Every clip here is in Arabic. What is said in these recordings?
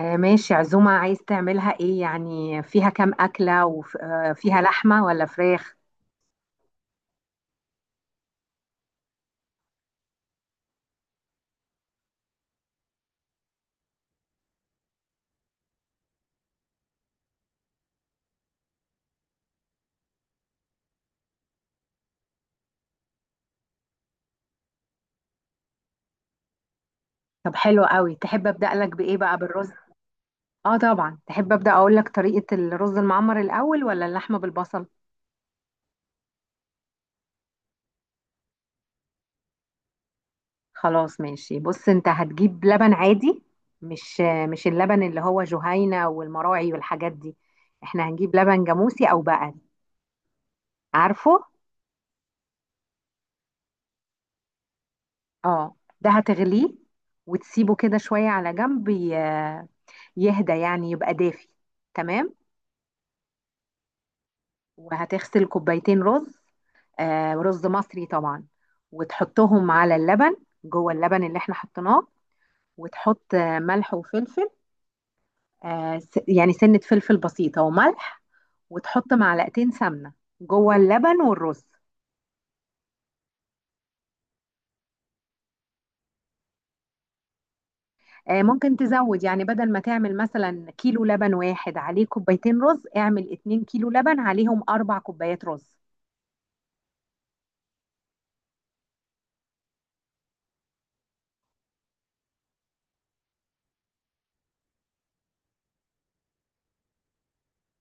ماشي، عزومة عايز تعملها ايه يعني؟ فيها كام أكلة، وفيها لحمة ولا فراخ؟ طب حلو قوي. تحب أبدأ لك بإيه بقى، بالرز؟ اه طبعا. تحب أبدأ أقول لك طريقة الرز المعمر الأول ولا اللحمة بالبصل؟ خلاص ماشي بص، انت هتجيب لبن عادي. مش اللبن اللي هو جهينة والمراعي والحاجات دي. احنا هنجيب لبن جاموسي أو بقري، عارفه؟ اه. ده هتغليه وتسيبه كده شوية على جنب، يهدى يعني، يبقى دافي. تمام. وهتغسل كوبايتين رز، رز مصري طبعا، وتحطهم على اللبن، جوه اللبن اللي احنا حطيناه. وتحط ملح وفلفل. يعني سنة فلفل بسيطة وملح. وتحط معلقتين سمنة جوه اللبن والرز. ممكن تزود، يعني بدل ما تعمل مثلا كيلو لبن واحد عليه كوبايتين رز، اعمل اتنين كيلو لبن عليهم أربع كوبايات رز.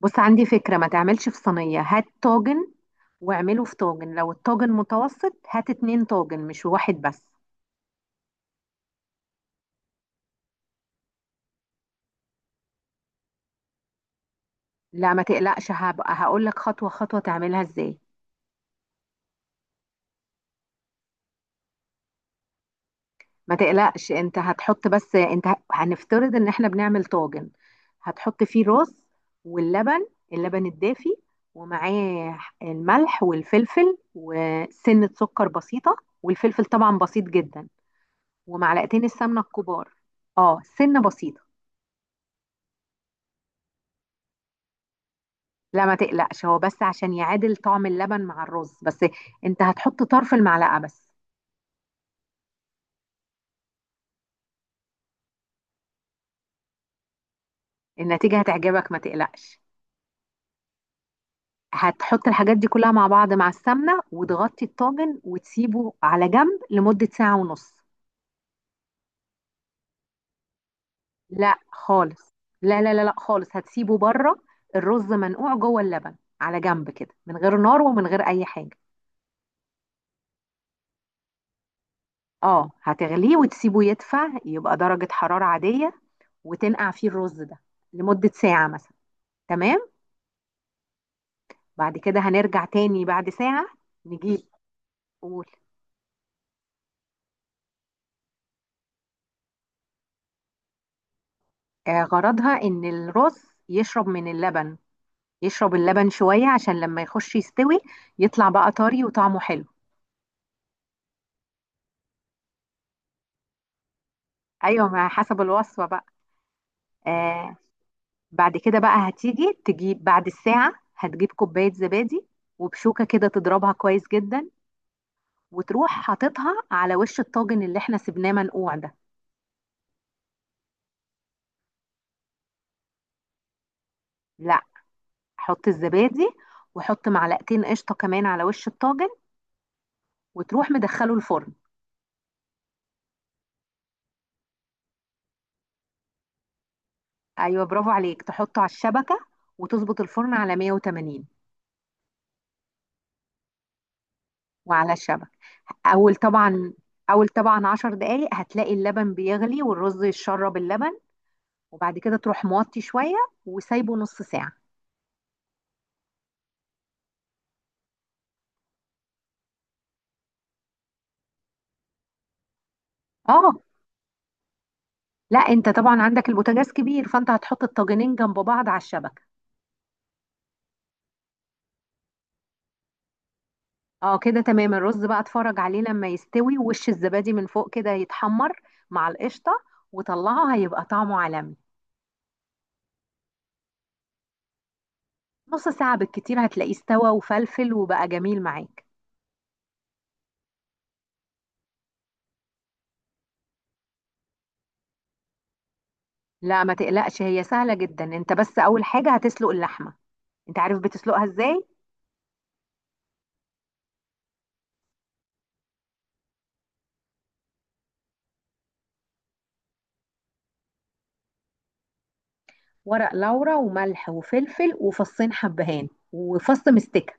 بص عندي فكرة، ما تعملش في صينية، هات طاجن. واعمله في طاجن. لو الطاجن متوسط، هات اتنين طاجن مش واحد بس. لا ما تقلقش، هبقى هقول لك خطوة خطوة تعملها ازاي. ما تقلقش، انت هتحط، بس انت هنفترض ان احنا بنعمل طاجن. هتحط فيه الرز، واللبن، اللبن الدافي، ومعاه الملح والفلفل وسنة سكر بسيطة، والفلفل طبعا بسيط جدا، ومعلقتين السمنة الكبار. اه سنة بسيطة. لا ما تقلقش، هو بس عشان يعادل طعم اللبن مع الرز بس. انت هتحط طرف المعلقة بس. النتيجة هتعجبك، ما تقلقش. هتحط الحاجات دي كلها مع بعض مع السمنة، وتغطي الطاجن وتسيبه على جنب لمدة ساعة ونص. لا خالص. لا لا لا لا خالص، هتسيبه بره. الرز منقوع جوه اللبن، على جنب كده، من غير نار ومن غير أي حاجة. اه هتغليه وتسيبه يدفع، يبقى درجة حرارة عادية، وتنقع فيه الرز ده لمدة ساعة مثلا. تمام. بعد كده هنرجع تاني بعد ساعة. نجيب. قول. غرضها ان الرز يشرب من اللبن، يشرب اللبن شوية، عشان لما يخش يستوي، يطلع بقى طري وطعمه حلو. ايوه، ما حسب الوصفة بقى. آه. بعد كده بقى هتيجي تجيب، بعد الساعة هتجيب كوباية زبادي، وبشوكة كده تضربها كويس جدا، وتروح حاططها على وش الطاجن اللي احنا سيبناه منقوع ده. لا. حط الزبادي، وحط معلقتين قشطة كمان على وش الطاجن، وتروح مدخله الفرن. ايوه برافو عليك. تحطه على الشبكه، وتظبط الفرن على 180. وعلى الشبكه. اول طبعا اول طبعا 10 دقائق هتلاقي اللبن بيغلي والرز يتشرب اللبن. وبعد كده تروح موطي شويه، وسايبه نص ساعه. اه. لا انت طبعا عندك البوتاجاز كبير، فانت هتحط الطاجنين جنب بعض على الشبكه. اه كده تمام. الرز بقى اتفرج عليه لما يستوي، وش الزبادي من فوق كده يتحمر مع القشطه، وطلعه هيبقى طعمه عالمي. نص ساعه بالكتير هتلاقيه استوى وفلفل وبقى جميل معاك. لا ما تقلقش، هي سهلة جدا. انت بس اول حاجة هتسلق اللحمة. انت عارف بتسلقها ازاي؟ ورق لورا وملح وفلفل وفصين حبهان وفص مستكة.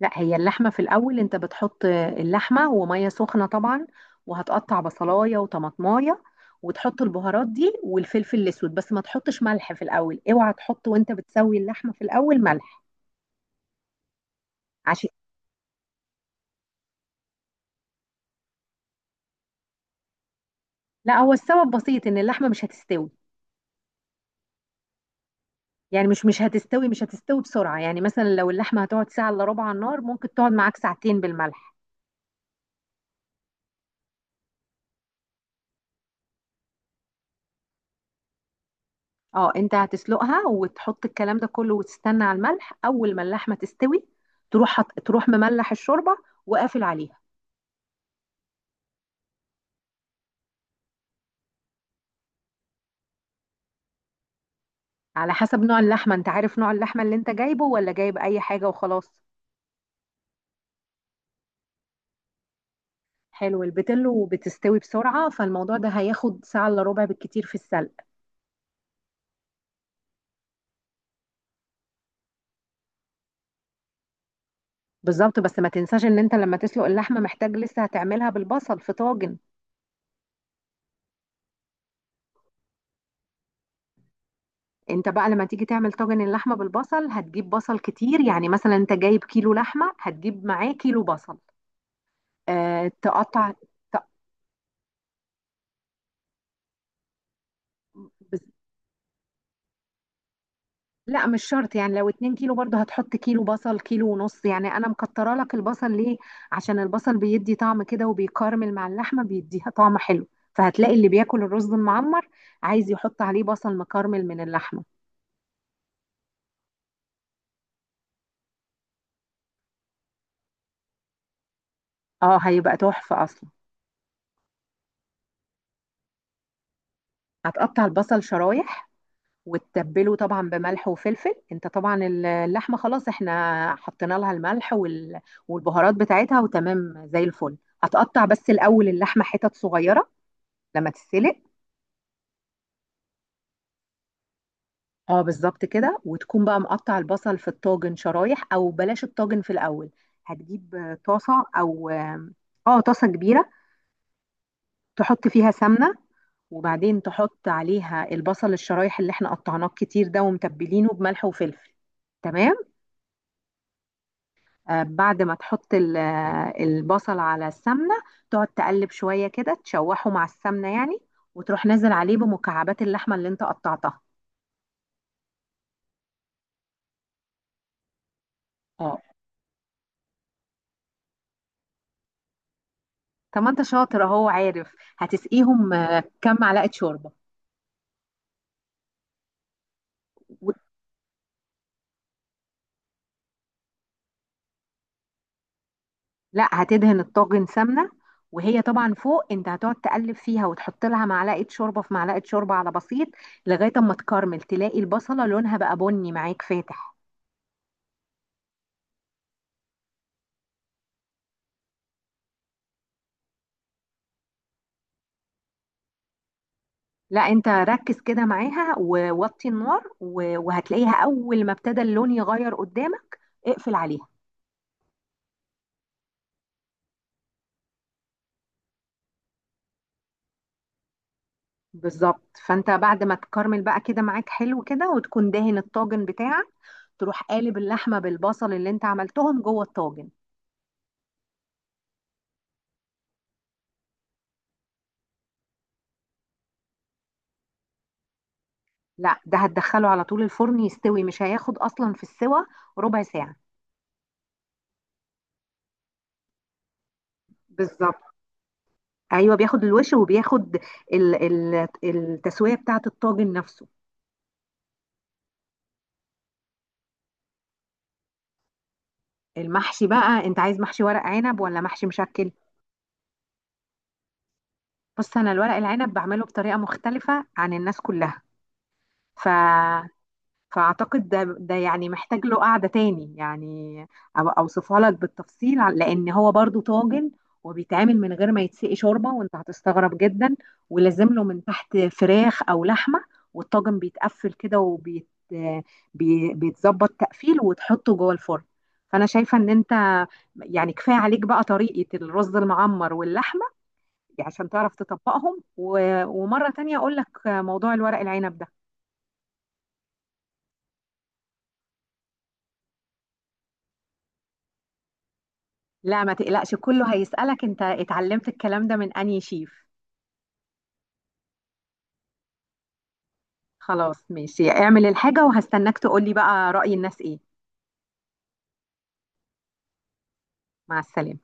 لا، هي اللحمة في الاول انت بتحط اللحمة ومية سخنة طبعا. وهتقطع بصلاية وطماطماية، وتحط البهارات دي والفلفل الاسود، بس ما تحطش ملح في الاول. اوعى تحط وانت بتسوي اللحمة في الاول ملح. عشان. لا هو السبب بسيط، ان اللحمة مش هتستوي. يعني مش مش هتستوي مش هتستوي بسرعة، يعني مثلا لو اللحمة هتقعد ساعة إلا ربع على النار، ممكن تقعد معاك ساعتين بالملح. اه انت هتسلقها، وتحط الكلام ده كله، وتستنى على الملح. أول ما اللحمة تستوي، تروح مملح الشوربة وقافل عليها. على حسب نوع اللحمة. انت عارف نوع اللحمة اللي انت جايبه، ولا جايب أي حاجة وخلاص؟ حلو. البتلو بتستوي بسرعة، فالموضوع ده هياخد ساعة إلا ربع بالكتير في السلق. بالظبط. بس ما تنساش ان انت لما تسلق اللحمة، محتاج لسه هتعملها بالبصل في طاجن. انت بقى لما تيجي تعمل طاجن اللحمه بالبصل، هتجيب بصل كتير. يعني مثلا انت جايب كيلو لحمه، هتجيب معاه كيلو بصل. آه تقطع ت- بس- لا مش شرط، يعني لو اتنين كيلو برضه هتحط كيلو بصل، كيلو ونص، يعني انا مكتره لك البصل ليه؟ عشان البصل بيدي طعم كده، وبيكرمل مع اللحمه بيديها طعم حلو. فهتلاقي اللي بياكل الرز المعمر، عايز يحط عليه بصل مكرمل من اللحمه. اه هيبقى تحفه اصلا. هتقطع البصل شرايح، وتتبله طبعا بملح وفلفل. انت طبعا اللحمه خلاص احنا حطينا لها الملح والبهارات بتاعتها وتمام زي الفل. هتقطع بس الاول اللحمه حتت صغيره لما تتسلق. اه بالظبط كده. وتكون بقى مقطع البصل في الطاجن شرايح. او بلاش الطاجن في الاول. هتجيب طاسه، او اه طاسه كبيره، تحط فيها سمنه، وبعدين تحط عليها البصل الشرايح اللي احنا قطعناه كتير ده، ومتبلينه بملح وفلفل. تمام. بعد ما تحط البصل على السمنة، تقعد تقلب شوية كده، تشوحه مع السمنة يعني، وتروح نازل عليه بمكعبات اللحمة اللي انت قطعتها. اه. طب ما انت شاطر اهو، عارف هتسقيهم كام معلقة شوربة. و- لا هتدهن الطاجن سمنة. وهي طبعا فوق انت هتقعد تقلب فيها، وتحط لها معلقة شوربة في معلقة شوربة على بسيط، لغاية اما تكرمل، تلاقي البصلة لونها بقى بني معاك فاتح. لا انت ركز كده معاها ووطي النار، وهتلاقيها اول ما ابتدى اللون يغير قدامك، اقفل عليها. بالظبط. فانت بعد ما تكرمل بقى كده معاك حلو كده، وتكون دهن الطاجن بتاعك، تروح قالب اللحمه بالبصل اللي انت عملتهم جوه الطاجن. لا ده هتدخله على طول الفرن يستوي. مش هياخد اصلا في السوى ربع ساعه. بالظبط. ايوه بياخد الوش، وبياخد ال ال التسويه بتاعه الطاجن نفسه. المحشي بقى انت عايز محشي ورق عنب ولا محشي مشكل؟ بص انا الورق العنب بعمله بطريقه مختلفه عن الناس كلها. ف فاعتقد ده يعني محتاج له قعده تاني يعني. أبقى اوصفها لك بالتفصيل، لان هو برضو طاجن، وبيتعمل من غير ما يتسقي شوربه، وانت هتستغرب جدا، ولازم له من تحت فراخ او لحمه. والطاجن بيتقفل كده، بيتظبط تقفيل، وتحطه جوه الفرن. فانا شايفه ان انت يعني كفايه عليك بقى طريقه الرز المعمر واللحمه عشان تعرف تطبقهم، ومرة تانية أقول لك موضوع الورق العنب ده. لا ما تقلقش، كله هيسألك أنت اتعلمت الكلام ده من أنهي شيف. خلاص ماشي، اعمل الحاجة وهستناك تقولي بقى رأي الناس إيه. مع السلامة.